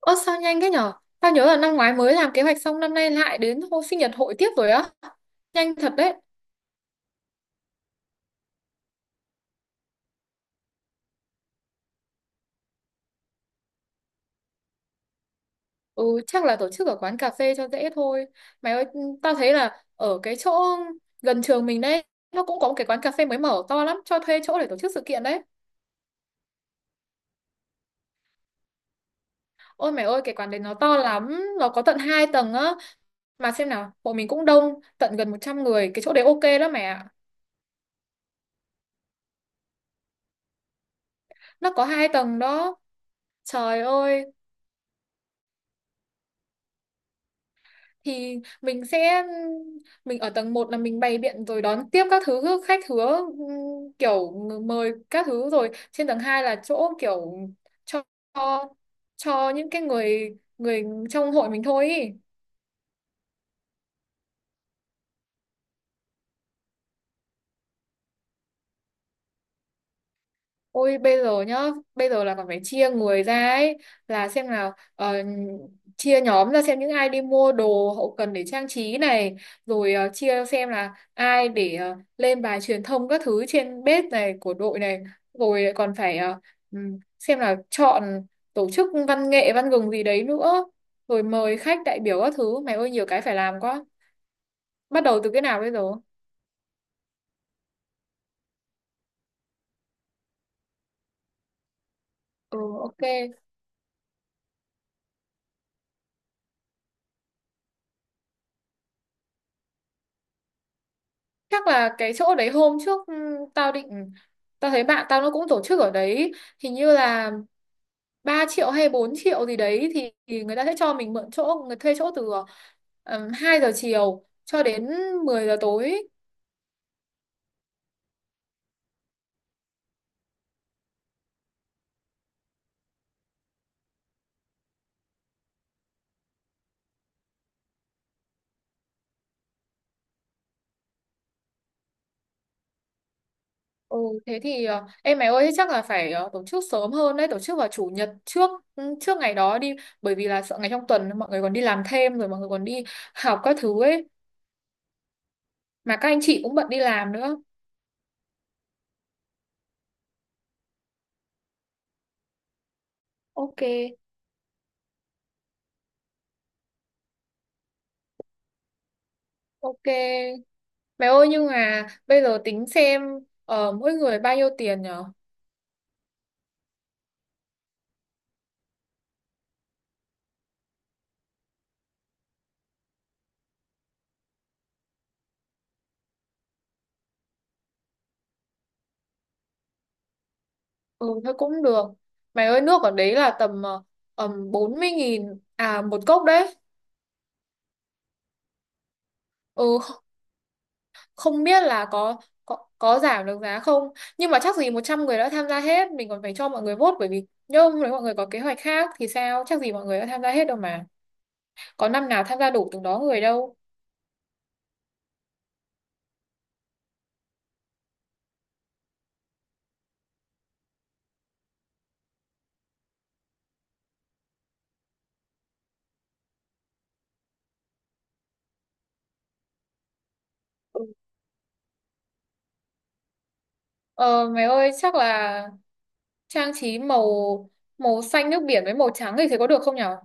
Ơ sao nhanh thế nhở? Tao nhớ là năm ngoái mới làm kế hoạch xong năm nay lại đến hôm sinh nhật hội tiếp rồi á. Nhanh thật đấy. Ừ, chắc là tổ chức ở quán cà phê cho dễ thôi. Mày ơi, tao thấy là ở cái chỗ gần trường mình đấy, nó cũng có một cái quán cà phê mới mở to lắm, cho thuê chỗ để tổ chức sự kiện đấy. Ôi mày ơi, cái quán đấy nó to lắm, nó có tận 2 tầng á. Mà xem nào, bọn mình cũng đông, tận gần 100 người, cái chỗ đấy ok lắm mẹ ạ. Nó có hai tầng đó. Trời ơi, thì mình sẽ mình ở tầng một là mình bày biện rồi đón tiếp các thứ khách hứa kiểu mời các thứ rồi trên tầng 2 là chỗ kiểu cho cho những cái người người trong hội mình thôi ý. Ôi bây giờ nhá, bây giờ là còn phải chia người ra ấy, là xem nào chia nhóm ra xem những ai đi mua đồ hậu cần để trang trí này, rồi chia xem là ai để lên bài truyền thông các thứ trên page này của đội này, rồi còn phải xem là chọn tổ chức văn nghệ văn gừng gì đấy nữa, rồi mời khách đại biểu các thứ, mày ơi nhiều cái phải làm quá. Bắt đầu từ cái nào bây giờ? Ừ, ok. Chắc là cái chỗ đấy hôm trước tao thấy bạn tao nó cũng tổ chức ở đấy hình như là 3 triệu hay 4 triệu gì đấy thì người ta sẽ cho mình mượn chỗ người thuê chỗ từ 2 giờ chiều cho đến 10 giờ tối. Ừ, thế thì em mày ơi chắc là phải tổ chức sớm hơn đấy tổ chức vào chủ nhật trước, ừ, trước ngày đó đi bởi vì là sợ ngày trong tuần mọi người còn đi làm thêm rồi mọi người còn đi học các thứ ấy mà các anh chị cũng bận đi làm nữa. Ok, ok. Mẹ ơi nhưng mà bây giờ tính xem mỗi người bao nhiêu tiền nhở? Ừ thôi cũng được. Mày ơi nước ở đấy là tầm 40.000 à một cốc đấy. Ừ, không biết là có có giảm được giá không. Nhưng mà chắc gì 100 người đã tham gia hết, mình còn phải cho mọi người vote bởi vì nếu nếu mọi người có kế hoạch khác thì sao? Chắc gì mọi người đã tham gia hết đâu mà. Có năm nào tham gia đủ từng đó người đâu. Ừ, ờ mày ơi chắc là trang trí màu màu xanh nước biển với màu trắng thì thấy có được không nhở?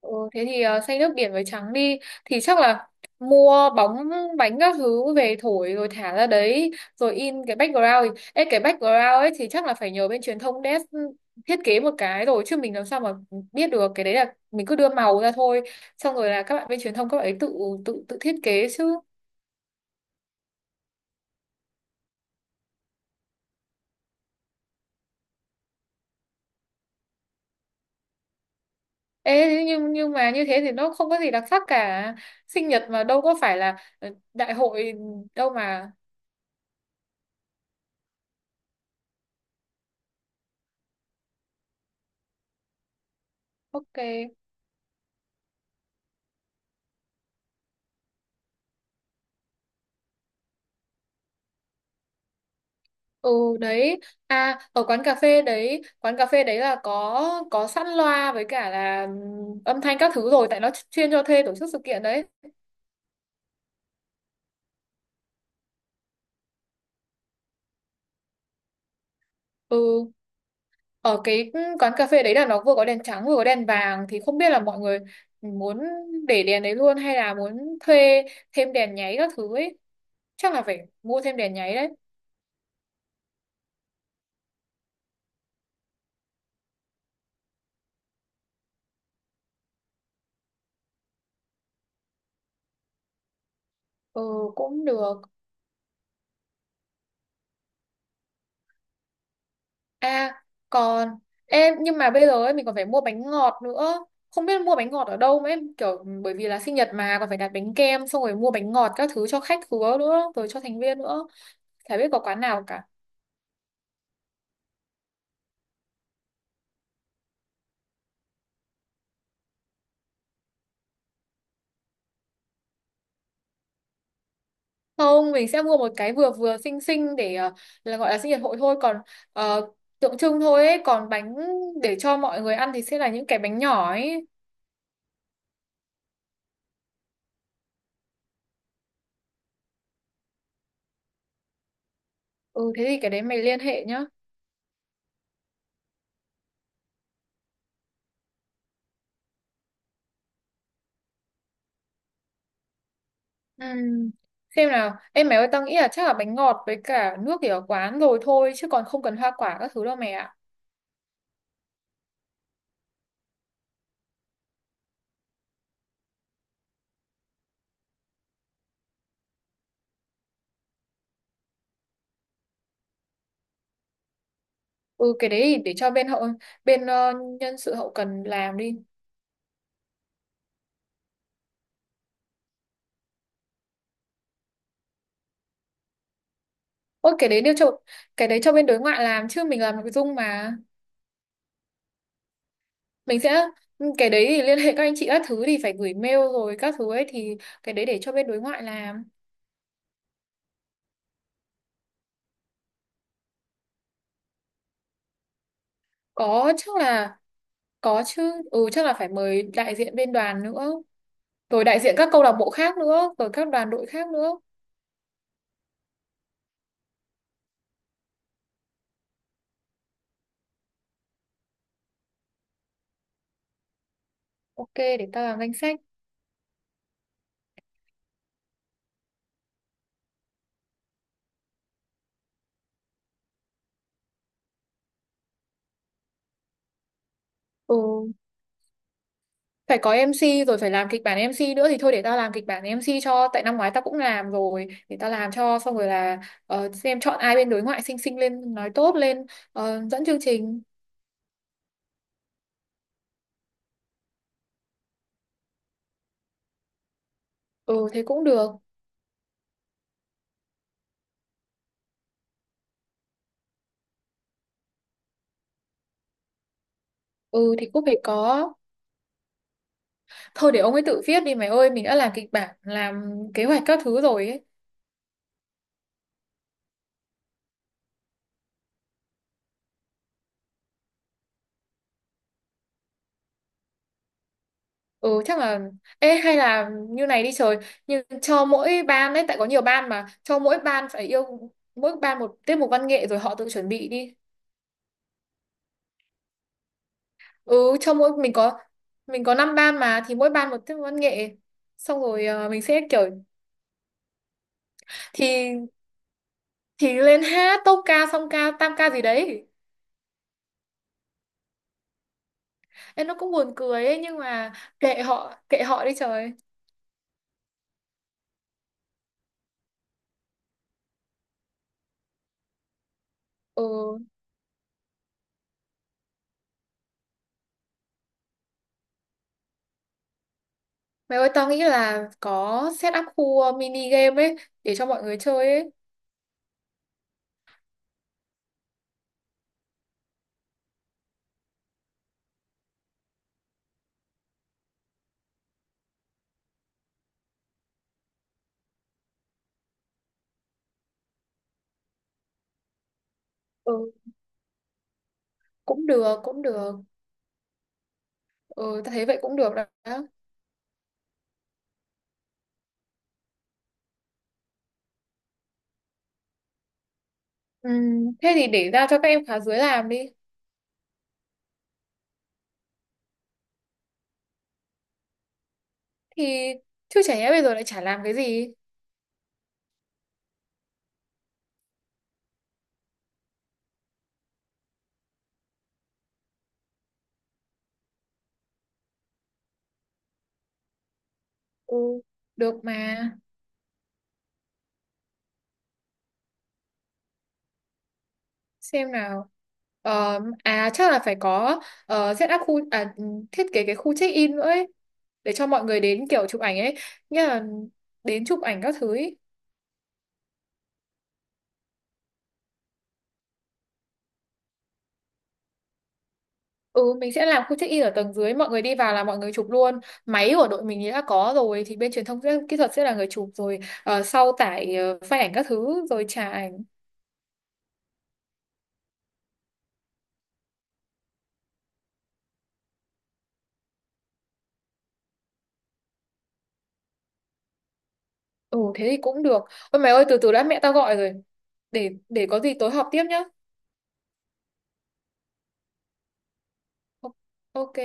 Ừ, thế thì xay nước biển với trắng đi thì chắc là mua bóng bánh các thứ về thổi rồi thả ra đấy rồi in cái background ấy thì chắc là phải nhờ bên truyền thông desk thiết kế một cái rồi chứ mình làm sao mà biết được cái đấy là mình cứ đưa màu ra thôi xong rồi là các bạn bên truyền thông các bạn ấy tự tự tự thiết kế chứ. Ê, thế nhưng mà như thế thì nó không có gì đặc sắc cả, sinh nhật mà đâu có phải là đại hội đâu mà. Ok. Ừ đấy. À ở quán cà phê đấy là có sẵn loa với cả là âm thanh các thứ rồi tại nó chuyên cho thuê tổ chức sự kiện đấy. Ừ, ở cái quán cà phê đấy là nó vừa có đèn trắng vừa có đèn vàng thì không biết là mọi người muốn để đèn đấy luôn hay là muốn thuê thêm đèn nháy các thứ ấy, chắc là phải mua thêm đèn nháy đấy. Ừ cũng được. À còn em nhưng mà bây giờ ấy, mình còn phải mua bánh ngọt nữa. Không biết mua bánh ngọt ở đâu mà em kiểu bởi vì là sinh nhật mà còn phải đặt bánh kem xong rồi mua bánh ngọt các thứ cho khách khứa nữa rồi cho thành viên nữa. Chả biết có quán nào cả. Không, mình sẽ mua một cái vừa vừa xinh xinh để là gọi là sinh nhật hội thôi, còn ờ, tượng trưng thôi ấy, còn bánh để cho mọi người ăn thì sẽ là những cái bánh nhỏ ấy. Ừ thế thì cái đấy mày liên hệ nhá. Ừm, xem nào em mẹ ơi tao nghĩ là chắc là bánh ngọt với cả nước thì ở quán rồi thôi chứ còn không cần hoa quả các thứ đâu mẹ ạ. Ừ, cái đấy thì để cho bên nhân sự hậu cần làm đi. Ôi cái đấy cho bên đối ngoại làm chứ mình làm nội dung mà. Mình sẽ Cái đấy thì liên hệ các anh chị các thứ thì phải gửi mail rồi các thứ ấy thì cái đấy để cho bên đối ngoại làm. Có, chắc là có chứ. Ừ, chắc là phải mời đại diện bên đoàn nữa rồi đại diện các câu lạc bộ khác nữa rồi các đoàn đội khác nữa. Ok, để tao làm danh sách. Ừ, phải có MC rồi phải làm kịch bản MC nữa thì thôi, để tao làm kịch bản MC cho, tại năm ngoái tao cũng làm rồi, để tao làm cho xong rồi là xem chọn ai bên đối ngoại xinh xinh lên nói tốt lên dẫn chương trình. Ừ thế cũng được. Ừ thì cũng phải có. Thôi để ông ấy tự viết đi mày ơi, mình đã làm kịch bản, làm kế hoạch các thứ rồi ấy. Ừ, chắc là ê hay là như này đi trời, nhưng cho mỗi ban ấy tại có nhiều ban mà, cho mỗi ban phải yêu mỗi ban một tiết mục văn nghệ rồi họ tự chuẩn bị đi. Ừ, cho mỗi mình có 5 ban mà thì mỗi ban một tiết văn nghệ xong rồi mình sẽ kiểu thì thì lên hát tốp ca song ca tam ca gì đấy. Em nó cũng buồn cười ấy nhưng mà kệ họ, kệ họ đi trời. Ừ mày ơi tao nghĩ là có set up khu mini game ấy để cho mọi người chơi ấy. Ừ cũng được, cũng được. Ừ tao thấy vậy cũng được đó. Ừ, thế thì để ra cho các em khóa dưới làm đi. Thì chứ chả nhẽ bây giờ lại chả làm cái gì. Ừ được mà. Xem nào, ờ, à chắc là phải có ờ, set up khu à, thiết kế cái khu check in nữa ấy để cho mọi người đến kiểu chụp ảnh ấy, nghĩa là đến chụp ảnh các thứ ấy. Ừ mình sẽ làm khu check in ở tầng dưới, mọi người đi vào là mọi người chụp luôn. Máy của đội mình thì đã có rồi thì bên truyền thông sẽ, kỹ thuật sẽ là người chụp rồi sau tải file ảnh các thứ rồi trả ảnh. Ừ thế thì cũng được. Ôi mày ơi, từ từ đã, mẹ tao gọi rồi, để có gì tối họp tiếp nhá. O- ok.